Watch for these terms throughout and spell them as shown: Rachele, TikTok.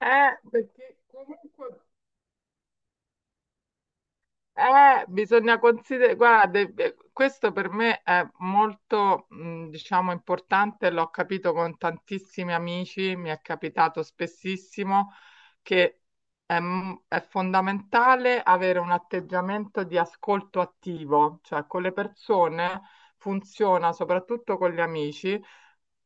Perché comunque bisogna considerare, guarda, questo per me è molto, diciamo, importante. L'ho capito con tantissimi amici, mi è capitato spessissimo che è fondamentale avere un atteggiamento di ascolto attivo, cioè con le persone funziona, soprattutto con gli amici,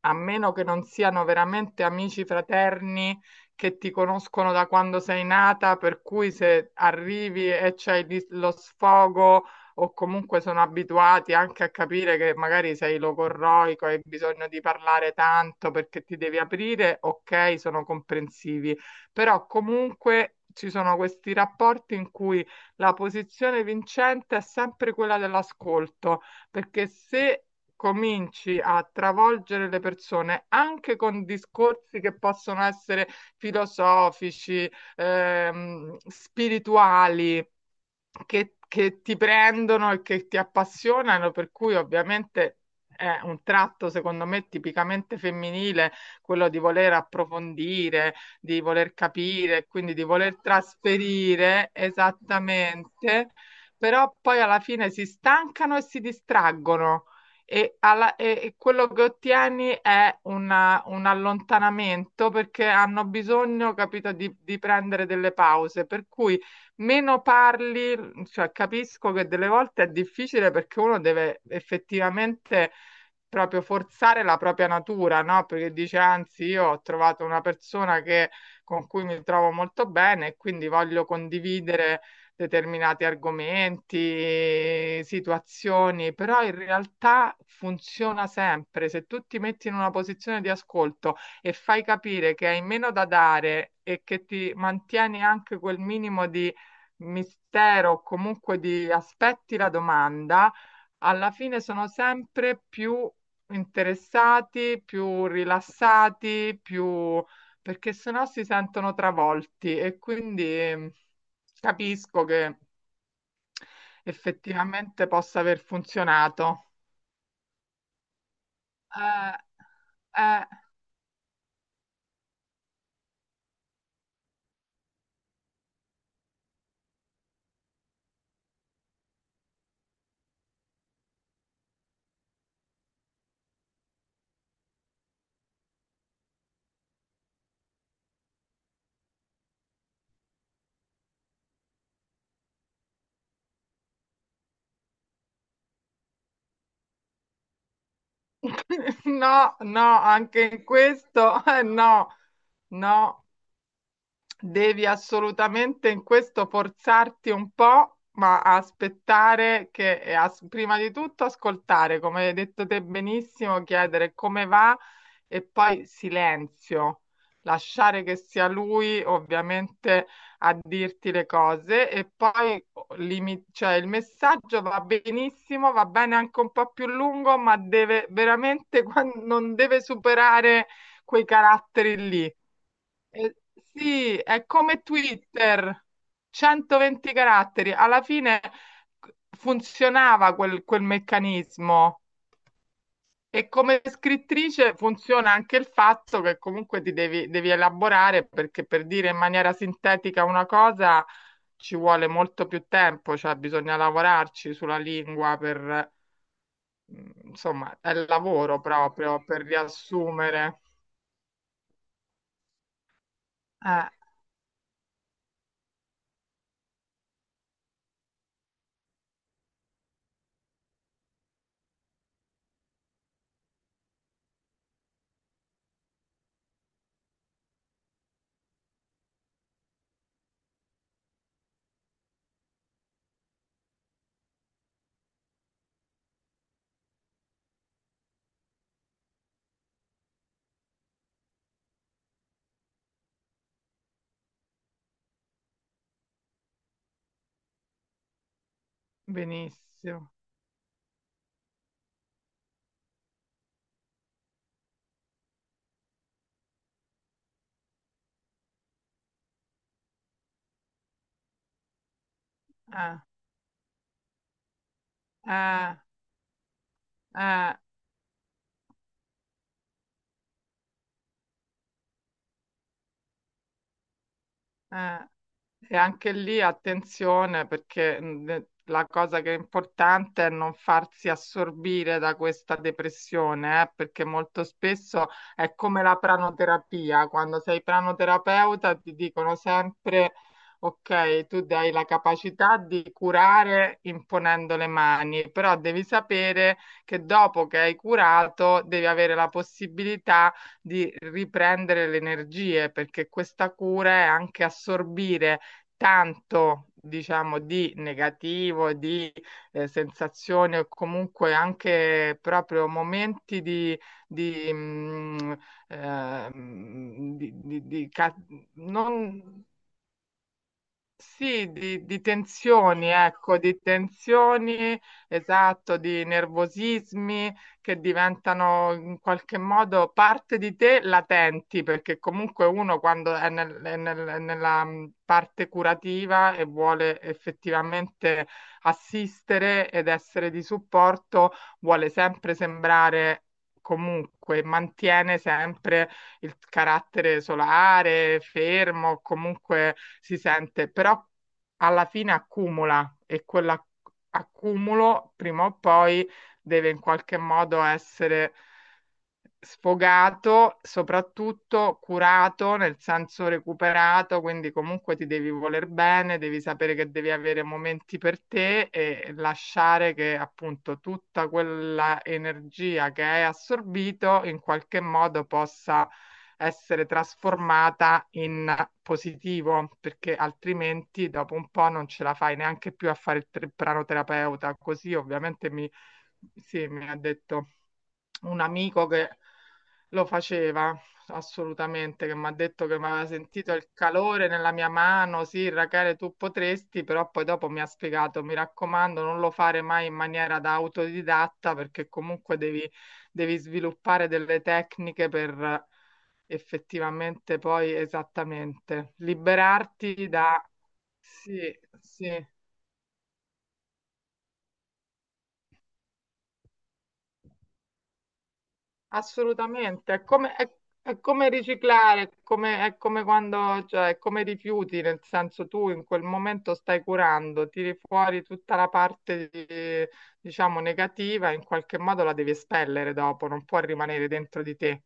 a meno che non siano veramente amici fraterni che ti conoscono da quando sei nata, per cui se arrivi e lo sfogo o comunque sono abituati anche a capire che magari sei logorroico e hai bisogno di parlare tanto perché ti devi aprire, ok, sono comprensivi, però comunque ci sono questi rapporti in cui la posizione vincente è sempre quella dell'ascolto, perché se cominci a travolgere le persone anche con discorsi che possono essere filosofici, spirituali, che ti prendono e che ti appassionano, per cui ovviamente è un tratto, secondo me, tipicamente femminile, quello di voler approfondire, di voler capire, quindi di voler trasferire esattamente, però poi alla fine si stancano e si distraggono. E e quello che ottieni è un allontanamento perché hanno bisogno, capito, di prendere delle pause. Per cui meno parli, cioè capisco che delle volte è difficile perché uno deve effettivamente proprio forzare la propria natura, no? Perché dice, anzi, io ho trovato con cui mi trovo molto bene e quindi voglio condividere determinati argomenti, situazioni, però in realtà funziona sempre. Se tu ti metti in una posizione di ascolto e fai capire che hai meno da dare e che ti mantieni anche quel minimo di mistero o comunque di aspetti la domanda, alla fine sono sempre più interessati, più rilassati, più... perché sennò si sentono travolti e quindi capisco che effettivamente possa aver funzionato. Eh, eh, No, no, anche in questo, no, no. Devi assolutamente in questo forzarti un po', ma aspettare prima di tutto ascoltare, come hai detto te benissimo, chiedere come va e poi silenzio, lasciare che sia lui ovviamente a dirti le cose e poi oh, cioè, il messaggio va benissimo, va bene anche un po' più lungo, ma deve veramente, non deve superare quei caratteri lì. Eh, sì, è come Twitter, 120 caratteri. Alla fine funzionava quel meccanismo e come scrittrice funziona anche il fatto che comunque devi elaborare perché per dire in maniera sintetica una cosa ci vuole molto più tempo, cioè bisogna lavorarci sulla lingua per, insomma, è il lavoro proprio per riassumere. Eh, benissimo. Eh, eh, eh. eh. Eh, e anche lì attenzione perché la cosa che è importante è non farsi assorbire da questa depressione, perché molto spesso è come la pranoterapia. Quando sei pranoterapeuta ti dicono sempre, ok, tu hai la capacità di curare imponendo le mani, però devi sapere che dopo che hai curato devi avere la possibilità di riprendere le energie, perché questa cura è anche assorbire tanto, diciamo, di negativo, di sensazioni o comunque anche proprio momenti di, mm, eh, di ca- non, sì, di tensioni, ecco, di tensioni, esatto, di nervosismi che diventano in qualche modo parte di te latenti, perché comunque uno quando è nella parte curativa e vuole effettivamente assistere ed essere di supporto, vuole sempre sembrare comunque, mantiene sempre il carattere solare, fermo, comunque si sente, però alla fine accumula e quell'accumulo prima o poi deve in qualche modo essere sfogato, soprattutto curato, nel senso recuperato, quindi comunque ti devi voler bene, devi sapere che devi avere momenti per te e lasciare che appunto tutta quella energia che hai assorbito in qualche modo possa essere trasformata in positivo, perché altrimenti dopo un po' non ce la fai neanche più a fare il pranoterapeuta. Così ovviamente mi sì, mi ha detto un amico che lo faceva assolutamente, che mi ha detto che mi aveva sentito il calore nella mia mano, sì, Rachele, tu potresti, però poi dopo mi ha spiegato, mi raccomando, non lo fare mai in maniera da autodidatta perché comunque devi, devi sviluppare delle tecniche per effettivamente poi esattamente liberarti da... Sì, sì, assolutamente, è come riciclare, è come quando, cioè, è come rifiuti, nel senso tu in quel momento stai curando, tiri fuori tutta la parte, diciamo, negativa, in qualche modo la devi espellere dopo, non può rimanere dentro di te.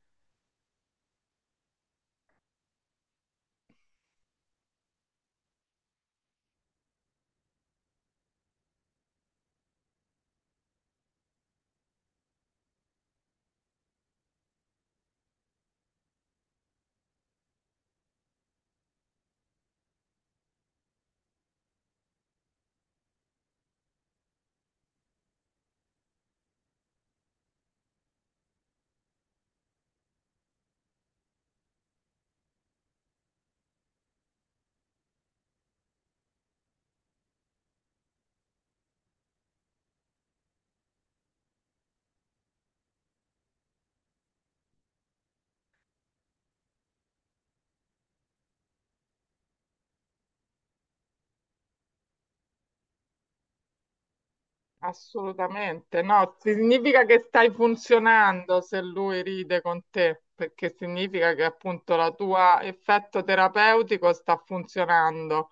Assolutamente, no, significa che stai funzionando se lui ride con te, perché significa che appunto la tua effetto terapeutico sta funzionando,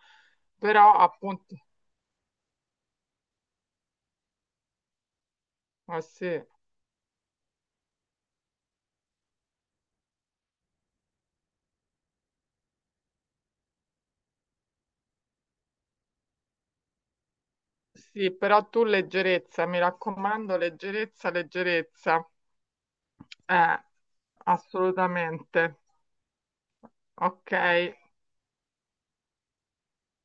però appunto, eh sì. Sì, però tu leggerezza, mi raccomando, leggerezza, leggerezza. Eh, assolutamente. Ok.